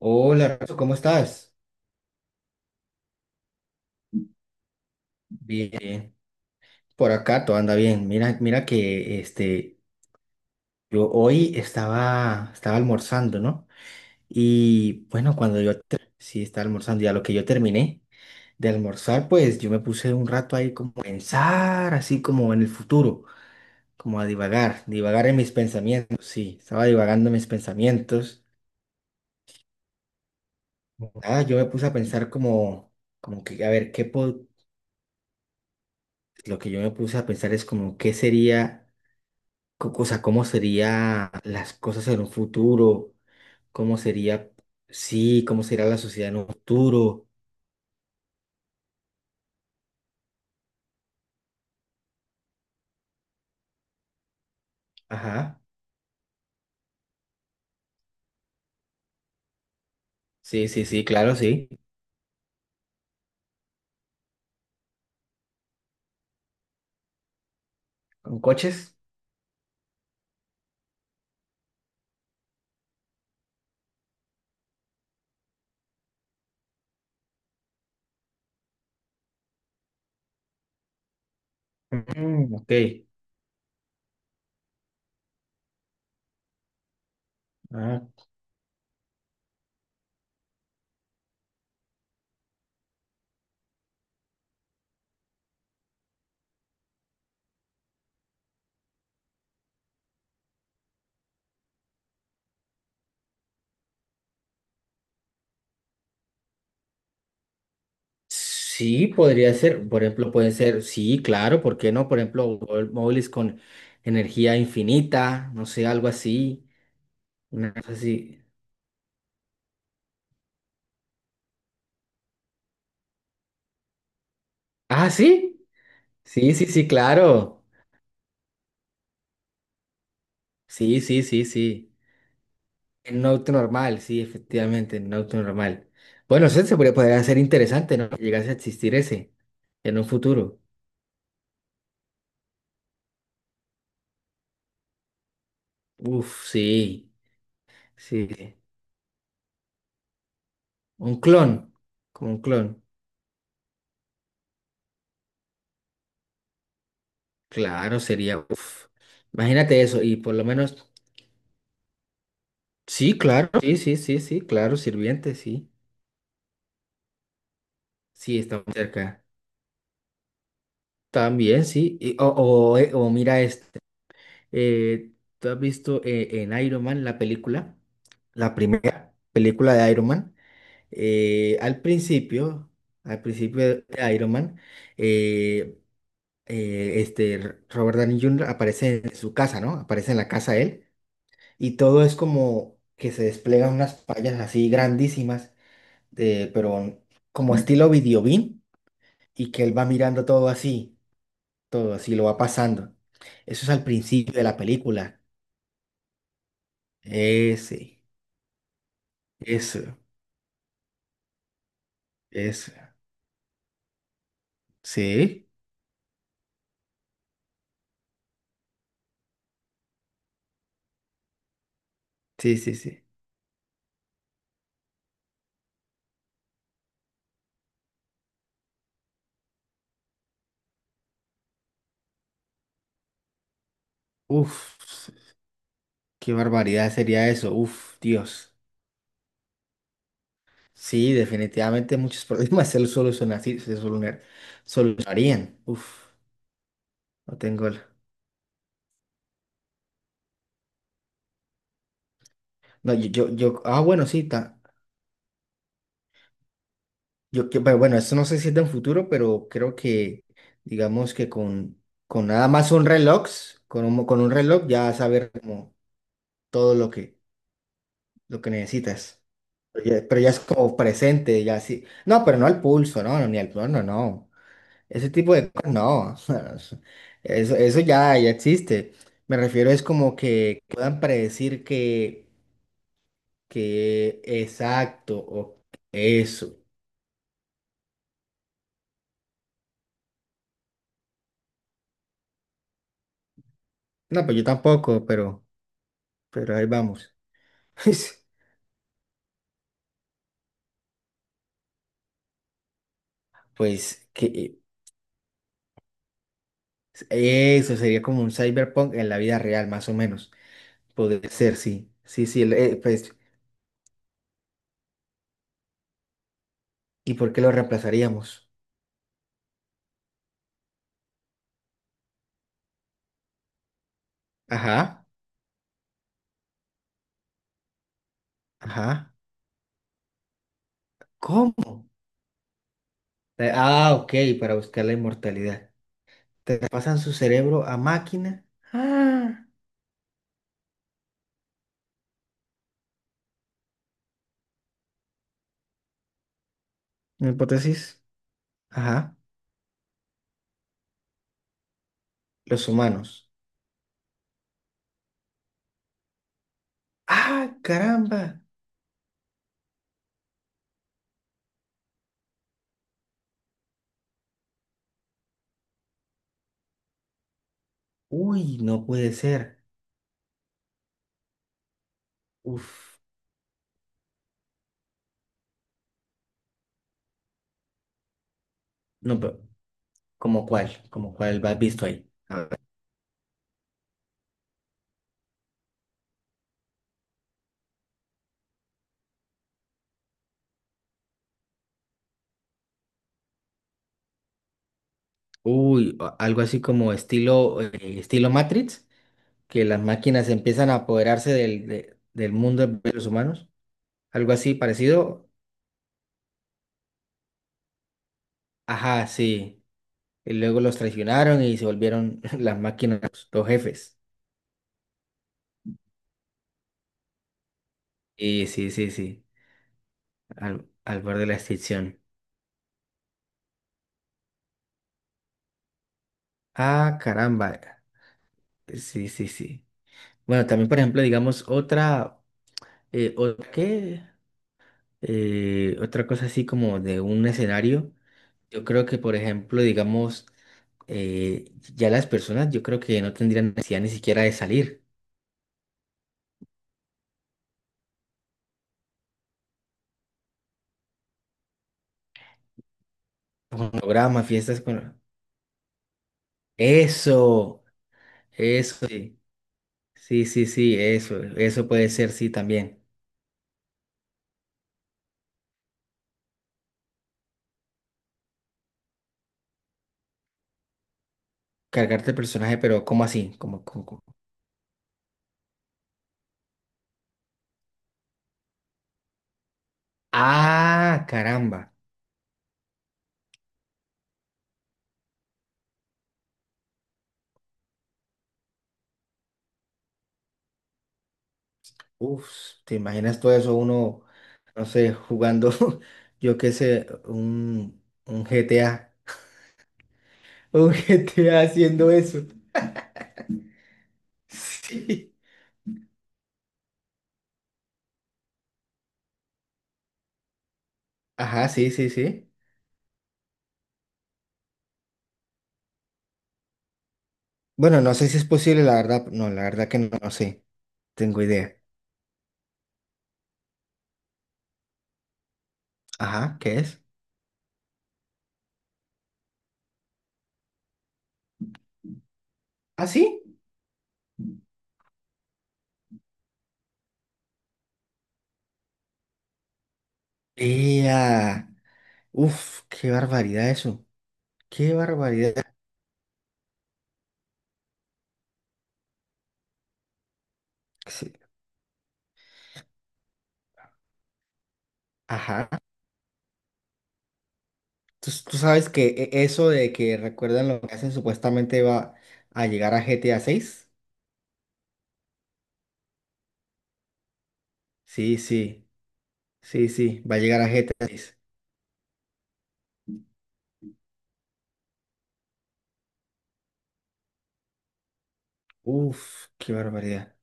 Hola, Renzo, ¿cómo estás? Bien, bien. Por acá todo anda bien. Mira, mira que yo hoy estaba almorzando, ¿no? Y bueno, cuando sí estaba almorzando, y a lo que yo terminé de almorzar, pues yo me puse un rato ahí como a pensar, así como en el futuro, como a divagar, divagar en mis pensamientos. Sí, estaba divagando en mis pensamientos. Ah, yo me puse a pensar como que, a ver, lo que yo me puse a pensar es como qué sería. O sea, cómo serían las cosas en un futuro, cómo sería, sí, cómo sería la sociedad en un futuro. Ajá, sí, sí, sí, claro, sí. ¿Con coches? Mm, ok. Ah, sí, podría ser, por ejemplo, pueden ser, sí, claro, ¿por qué no? Por ejemplo, móviles con energía infinita, no sé, algo así, una cosa así. Ah, sí, sí, sí, sí, claro. Sí, sí, sí, sí. En un auto normal, sí, efectivamente, en un auto normal. Bueno, eso podría ser interesante, ¿no? Que llegase a existir ese en un futuro. Uf, sí, sí. Un clon, como un clon. Claro, sería, uf. Imagínate eso, y por lo menos, sí, claro, sí, sí, sí, sí, claro, sirviente, sí. Sí, estamos cerca. También, sí. O mira este. eh, ¿Tú has visto en Iron Man la película? La primera película de Iron Man. eh, al principio, al principio de Iron Man, eh, este Robert Downey Jr. aparece en su casa, ¿no? Aparece en la casa él y todo es como que se desplegan unas pantallas así grandísimas, pero como estilo videobeam y que él va mirando todo así lo va pasando. Eso es al principio de la película. Ese, eso, eso. Sí, sí, sí, sí. Uf. Qué barbaridad sería eso. Uf, Dios. Sí, definitivamente muchos problemas se solucionan, sí, solucionarían. Uf, no tengo el... No, ah, bueno, sí, pero bueno, esto no sé si es de un futuro, pero creo que, digamos con nada más un reloj, con un reloj ya saber como todo lo que necesitas. Pero ya es como presente, ya sí. No, pero no al pulso, no, no, ni al... No, no, no. Ese tipo de cosas, no, o sea, eso ya existe. Me refiero es como que puedan predecir que exacto o eso. No, pues yo tampoco, pero ahí vamos. Pues que eso sería como un cyberpunk en la vida real, más o menos. Podría ser, sí. Sí, sí, pues, ¿y por qué lo reemplazaríamos? Ajá, ajá. ¿Cómo? Ah, ok, para buscar la inmortalidad. Te pasan su cerebro a máquina. Ah, una hipótesis. Ajá. Los humanos. Ah, caramba. Uy, no puede ser. Uf. No, pero ¿como cuál? ¿Como cuál has visto ahí? Uy, algo así como estilo, estilo Matrix, que las máquinas empiezan a apoderarse del mundo de los humanos. Algo así parecido. Ajá, sí. Y luego los traicionaron y se volvieron las máquinas, los jefes. Y sí, sí, sí. Al borde de la extinción. Ah, caramba. Sí, sí, sí. Bueno, también, por ejemplo, digamos, otra, ¿qué? Otra cosa así como de un escenario. Yo creo que, por ejemplo, digamos, eh, ya las personas, yo creo que no tendrían necesidad ni siquiera de salir. Con programas, fiestas con... Eso, eso, sí. Sí, sí, sí, eso puede ser, sí, también. Cargarte el personaje, pero ¿cómo así? Ah, caramba. Uf, ¿te imaginas todo eso uno, no sé, jugando, yo qué sé, un GTA, un GTA haciendo eso? Sí. Ajá, sí, sí, sí. Bueno, no sé si es posible, la verdad, no, la verdad que no, no sé, tengo idea. Ajá, ¿qué es? ¿Ah, sí? ¡Ea! Uf, qué barbaridad eso, qué barbaridad. Sí, ajá, tú sabes que eso de que recuerdan lo que hacen supuestamente va a llegar a GTA seis. Sí, sí, sí, sí, va a llegar a GTA 6. Uf, qué barbaridad.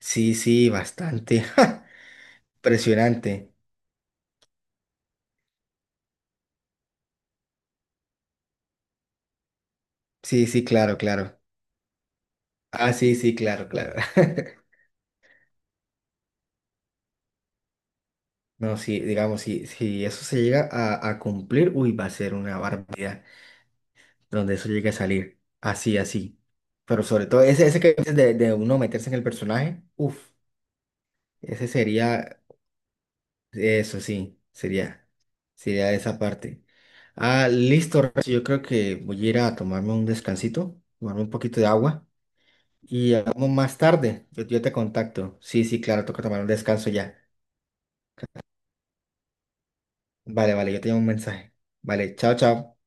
Sí, sí, bastante. ¡Ja! Impresionante. Sí, sí, claro, claro. Ah, sí, sí, claro, claro. No, sí, digamos, si eso se llega a cumplir, uy, va a ser una barbaridad donde eso llegue a salir. Así, así. Pero sobre todo ese que dices de uno meterse en el personaje, uff ese sería. Eso sí, sería esa parte. Ah, listo, Rex, yo creo que voy a ir a tomarme un descansito, tomarme un poquito de agua y hablamos más tarde. Yo te contacto. Sí, sí, claro, toca tomar un descanso ya. Vale, vale, yo te doy un mensaje. Vale, chao, chao.